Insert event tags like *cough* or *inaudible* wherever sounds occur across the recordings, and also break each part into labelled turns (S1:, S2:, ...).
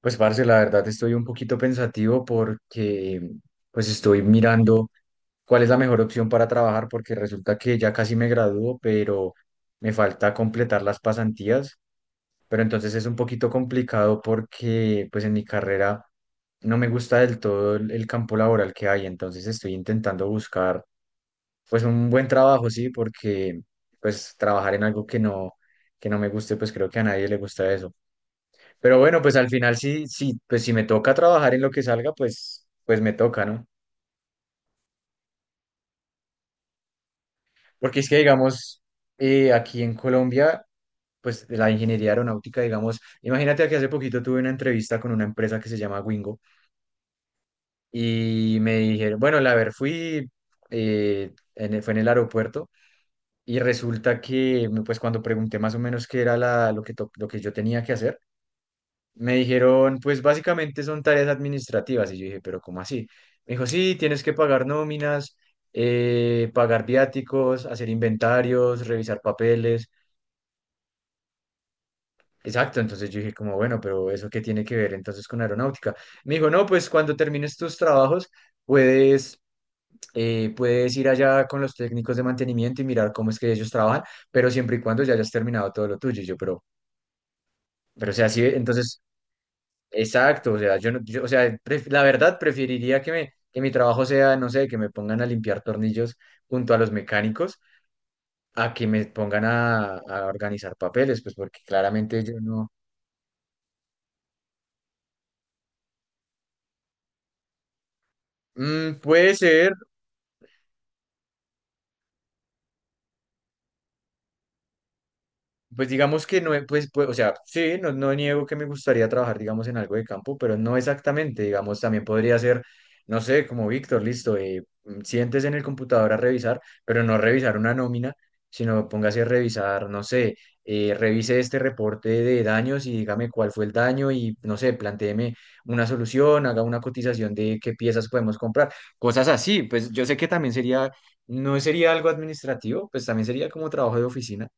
S1: Pues, parce, la verdad estoy un poquito pensativo porque pues estoy mirando cuál es la mejor opción para trabajar porque resulta que ya casi me gradúo, pero me falta completar las pasantías, pero entonces es un poquito complicado porque pues en mi carrera no me gusta del todo el campo laboral que hay, entonces estoy intentando buscar pues un buen trabajo, sí, porque pues trabajar en algo que no me guste, pues creo que a nadie le gusta eso. Pero bueno, pues al final sí, sí, pues si me toca trabajar en lo que salga, pues, pues me toca, ¿no? Porque es que, digamos, aquí en Colombia, pues la ingeniería aeronáutica, digamos, imagínate que hace poquito tuve una entrevista con una empresa que se llama Wingo y me dijeron, bueno, la ver, fui, fue en el aeropuerto y resulta que, pues cuando pregunté más o menos qué era la, lo que, to- lo que yo tenía que hacer, me dijeron, pues básicamente son tareas administrativas. Y yo dije, pero ¿cómo así? Me dijo, sí, tienes que pagar nóminas, pagar viáticos, hacer inventarios, revisar papeles. Exacto, entonces yo dije como, bueno, pero ¿eso qué tiene que ver entonces con aeronáutica? Me dijo, no, pues cuando termines tus trabajos puedes, puedes ir allá con los técnicos de mantenimiento y mirar cómo es que ellos trabajan, pero siempre y cuando ya hayas terminado todo lo tuyo. Y yo, pero o sea, sí, entonces exacto, o sea, yo no, yo- o sea, la verdad preferiría que me, que mi trabajo sea, no sé, que me pongan a limpiar tornillos junto a los mecánicos, a que me pongan a organizar papeles, pues porque claramente yo no. Mm, puede ser. Pues digamos que no, o sea, sí, no niego que me gustaría trabajar, digamos, en algo de campo, pero no exactamente, digamos, también podría ser, no sé, como Víctor, listo, siéntese en el computador a revisar, pero no revisar una nómina, sino póngase a revisar, no sé, revise este reporte de daños y dígame cuál fue el daño y, no sé, plantéeme una solución, haga una cotización de qué piezas podemos comprar, cosas así, pues yo sé que también sería, no sería algo administrativo, pues también sería como trabajo de oficina.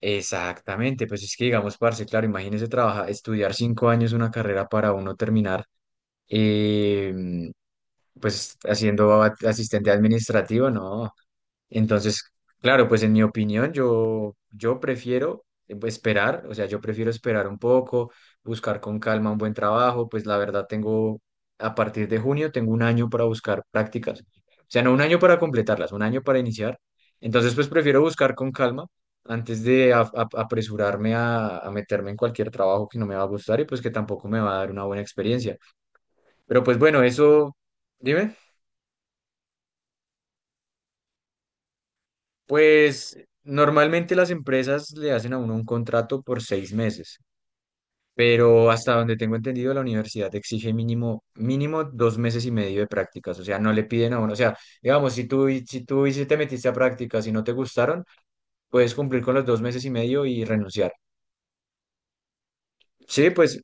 S1: Exactamente, pues es que digamos, parce, claro, imagínese trabajar, estudiar 5 años una carrera para uno terminar, eh, pues haciendo asistente administrativo, no. Entonces, claro, pues en mi opinión, yo prefiero pues, esperar, o sea, yo prefiero esperar un poco, buscar con calma un buen trabajo, pues la verdad tengo, a partir de junio, tengo un año para buscar prácticas, o sea, no un año para completarlas, un año para iniciar. Entonces, pues prefiero buscar con calma antes de apresurarme a meterme en cualquier trabajo que no me va a gustar y pues que tampoco me va a dar una buena experiencia. Pero pues bueno, eso, dime. Pues normalmente las empresas le hacen a uno un contrato por 6 meses, pero hasta donde tengo entendido, la universidad exige mínimo, mínimo 2 meses y medio de prácticas. O sea, no le piden a uno. O sea, digamos, si tú y si te metiste a prácticas y no te gustaron, puedes cumplir con los 2 meses y medio y renunciar. Sí, pues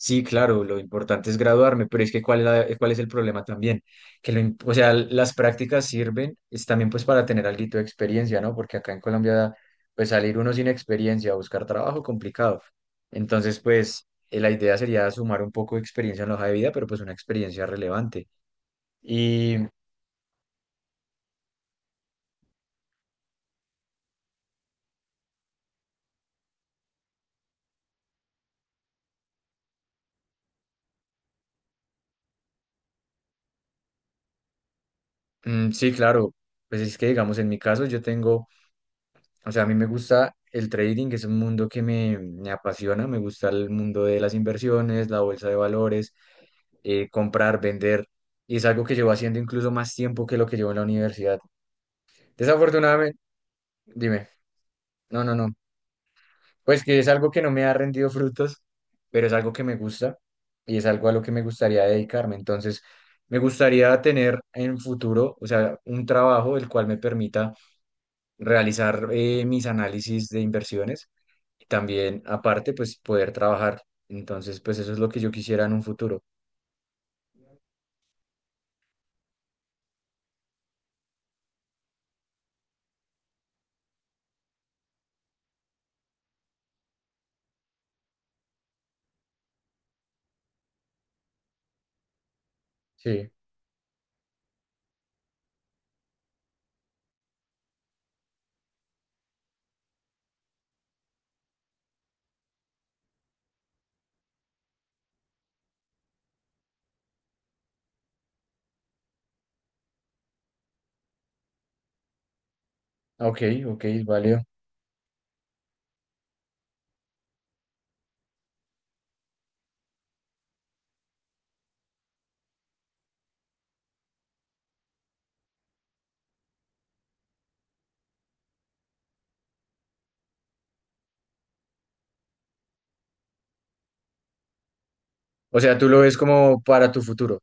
S1: sí, claro, lo importante es graduarme, pero es que cuál es, cuál es el problema también, o sea, las prácticas sirven es también pues para tener algo de experiencia, ¿no? Porque acá en Colombia pues salir uno sin experiencia a buscar trabajo complicado. Entonces, pues la idea sería sumar un poco de experiencia en la hoja de vida, pero pues una experiencia relevante. Y mm, sí, claro, pues es que digamos en mi caso yo tengo, o sea, a mí me gusta el trading, que es un mundo que me apasiona, me gusta el mundo de las inversiones, la bolsa de valores, comprar, vender, y es algo que llevo haciendo incluso más tiempo que lo que llevo en la universidad. Desafortunadamente, dime, no, no, no, pues que es algo que no me ha rendido frutos, pero es algo que me gusta y es algo a lo que me gustaría dedicarme. Entonces, me gustaría tener en futuro, o sea, un trabajo el cual me permita realizar mis análisis de inversiones y también, aparte, pues poder trabajar. Entonces, pues eso es lo que yo quisiera en un futuro. Sí, ok, ok, vale. O sea, tú lo ves como para tu futuro.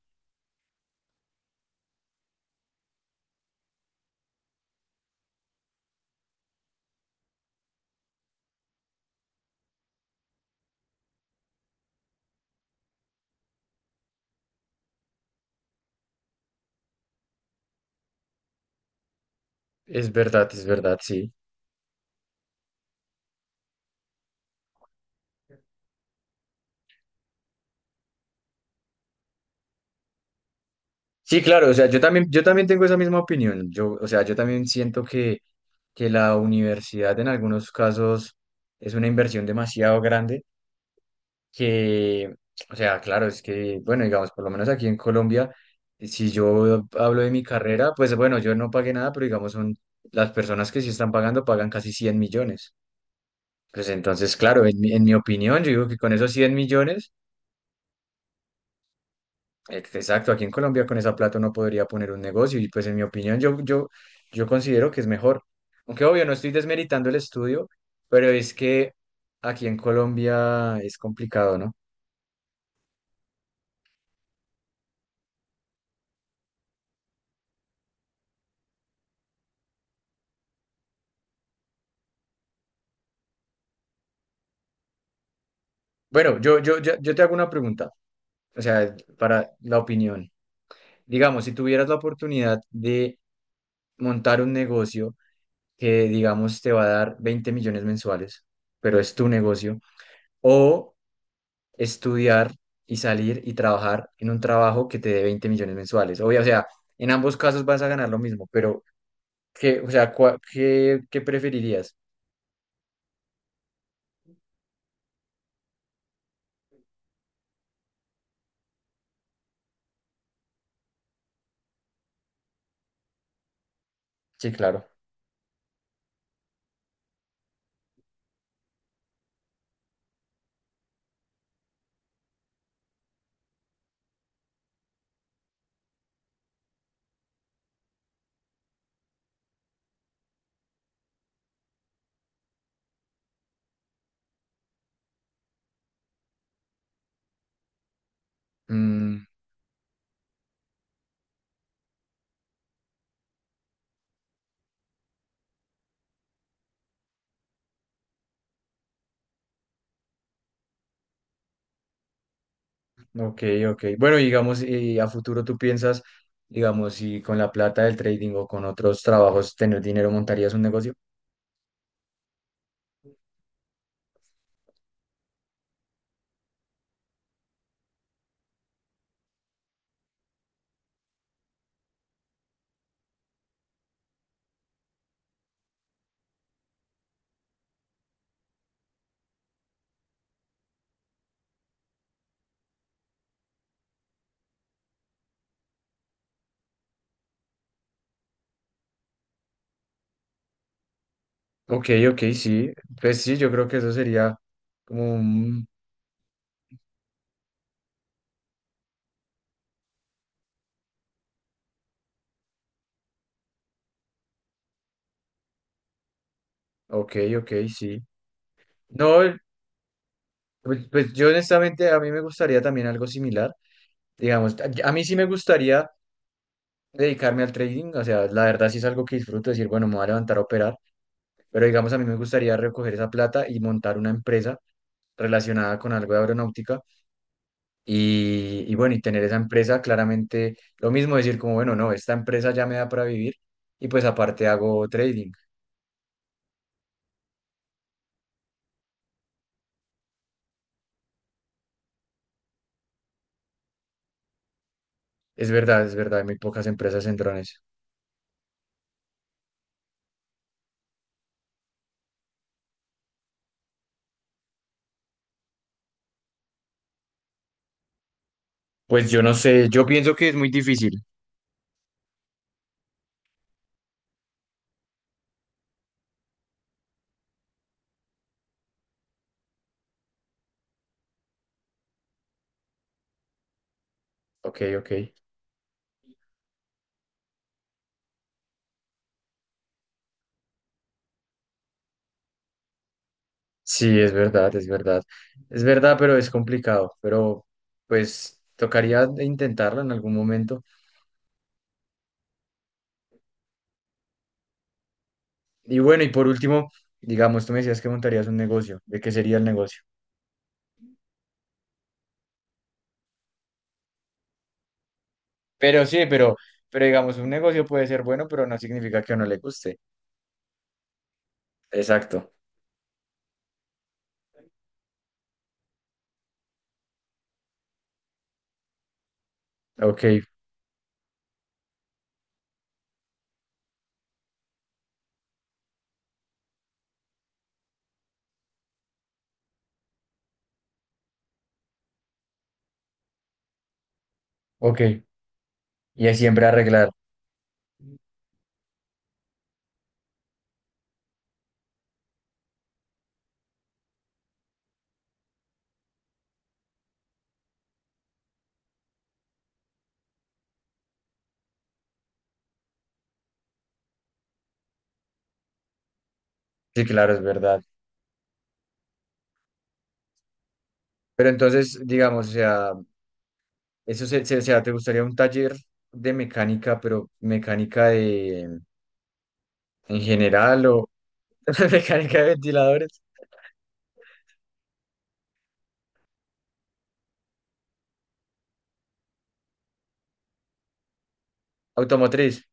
S1: Es verdad, sí. Sí, claro, o sea, yo también tengo esa misma opinión. Yo, o sea, yo también siento que la universidad en algunos casos es una inversión demasiado grande que, o sea, claro, es que, bueno, digamos, por lo menos aquí en Colombia, si yo hablo de mi carrera, pues bueno, yo no pagué nada, pero digamos, son las personas que sí están pagando pagan casi 100 millones. Pues entonces, claro, en mi opinión, yo digo que con esos 100 millones... Exacto, aquí en Colombia con esa plata uno podría poner un negocio y pues en mi opinión yo considero que es mejor. Aunque obvio, no estoy desmeritando el estudio, pero es que aquí en Colombia es complicado, ¿no? Bueno, yo te hago una pregunta, o sea, para la opinión. Digamos, si tuvieras la oportunidad de montar un negocio que, digamos, te va a dar 20 millones mensuales, pero es tu negocio, o estudiar y salir y trabajar en un trabajo que te dé 20 millones mensuales. Obvio, o sea, en ambos casos vas a ganar lo mismo, pero ¿qué, o sea, qué, qué preferirías? Sí, claro. Mm, ok, ok. Bueno, y digamos, y a futuro tú piensas, digamos, si con la plata del trading o con otros trabajos tener dinero montarías un negocio. Ok, ok, sí. Pues sí, yo creo que eso sería como un... Ok, ok, sí. No, pues, pues yo honestamente a mí me gustaría también algo similar. Digamos, a mí sí me gustaría dedicarme al trading, o sea, la verdad sí es algo que disfruto, decir, bueno, me voy a levantar a operar, pero digamos, a mí me gustaría recoger esa plata y montar una empresa relacionada con algo de aeronáutica y bueno, y tener esa empresa claramente lo mismo, decir como, bueno, no, esta empresa ya me da para vivir y pues aparte hago trading. Es verdad, hay muy pocas empresas en drones. Pues yo no sé, yo pienso que es muy difícil. Ok, ok. Sí, es verdad, es verdad. Es verdad, pero es complicado. Pero pues tocaría intentarlo en algún momento. Y bueno, y por último, digamos, tú me decías que montarías un negocio. ¿De qué sería el negocio? Pero sí, pero digamos, un negocio puede ser bueno, pero no significa que a uno le guste. Exacto. Ok, ok. Y es siempre arreglar. Sí, claro, es verdad. Pero entonces, digamos, o sea, o sea, ¿te gustaría un taller de mecánica, pero mecánica de en general? *laughs* Mecánica de ventiladores. Automotriz.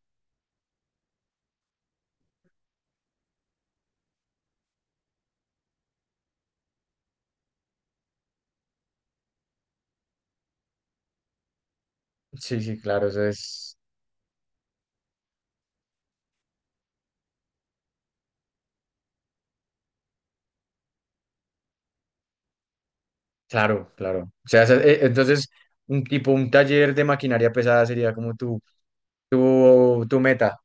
S1: Sí, sí, claro, eso es. Claro, claro. O sea, entonces, un tipo, un taller de maquinaria pesada sería como tu meta.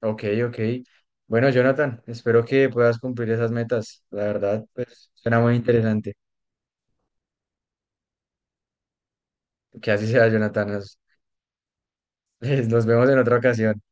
S1: Ok, ok. Bueno, Jonathan, espero que puedas cumplir esas metas. La verdad, pues, suena muy interesante. Que así sea, Jonathan. Nos, *laughs* nos vemos en otra ocasión.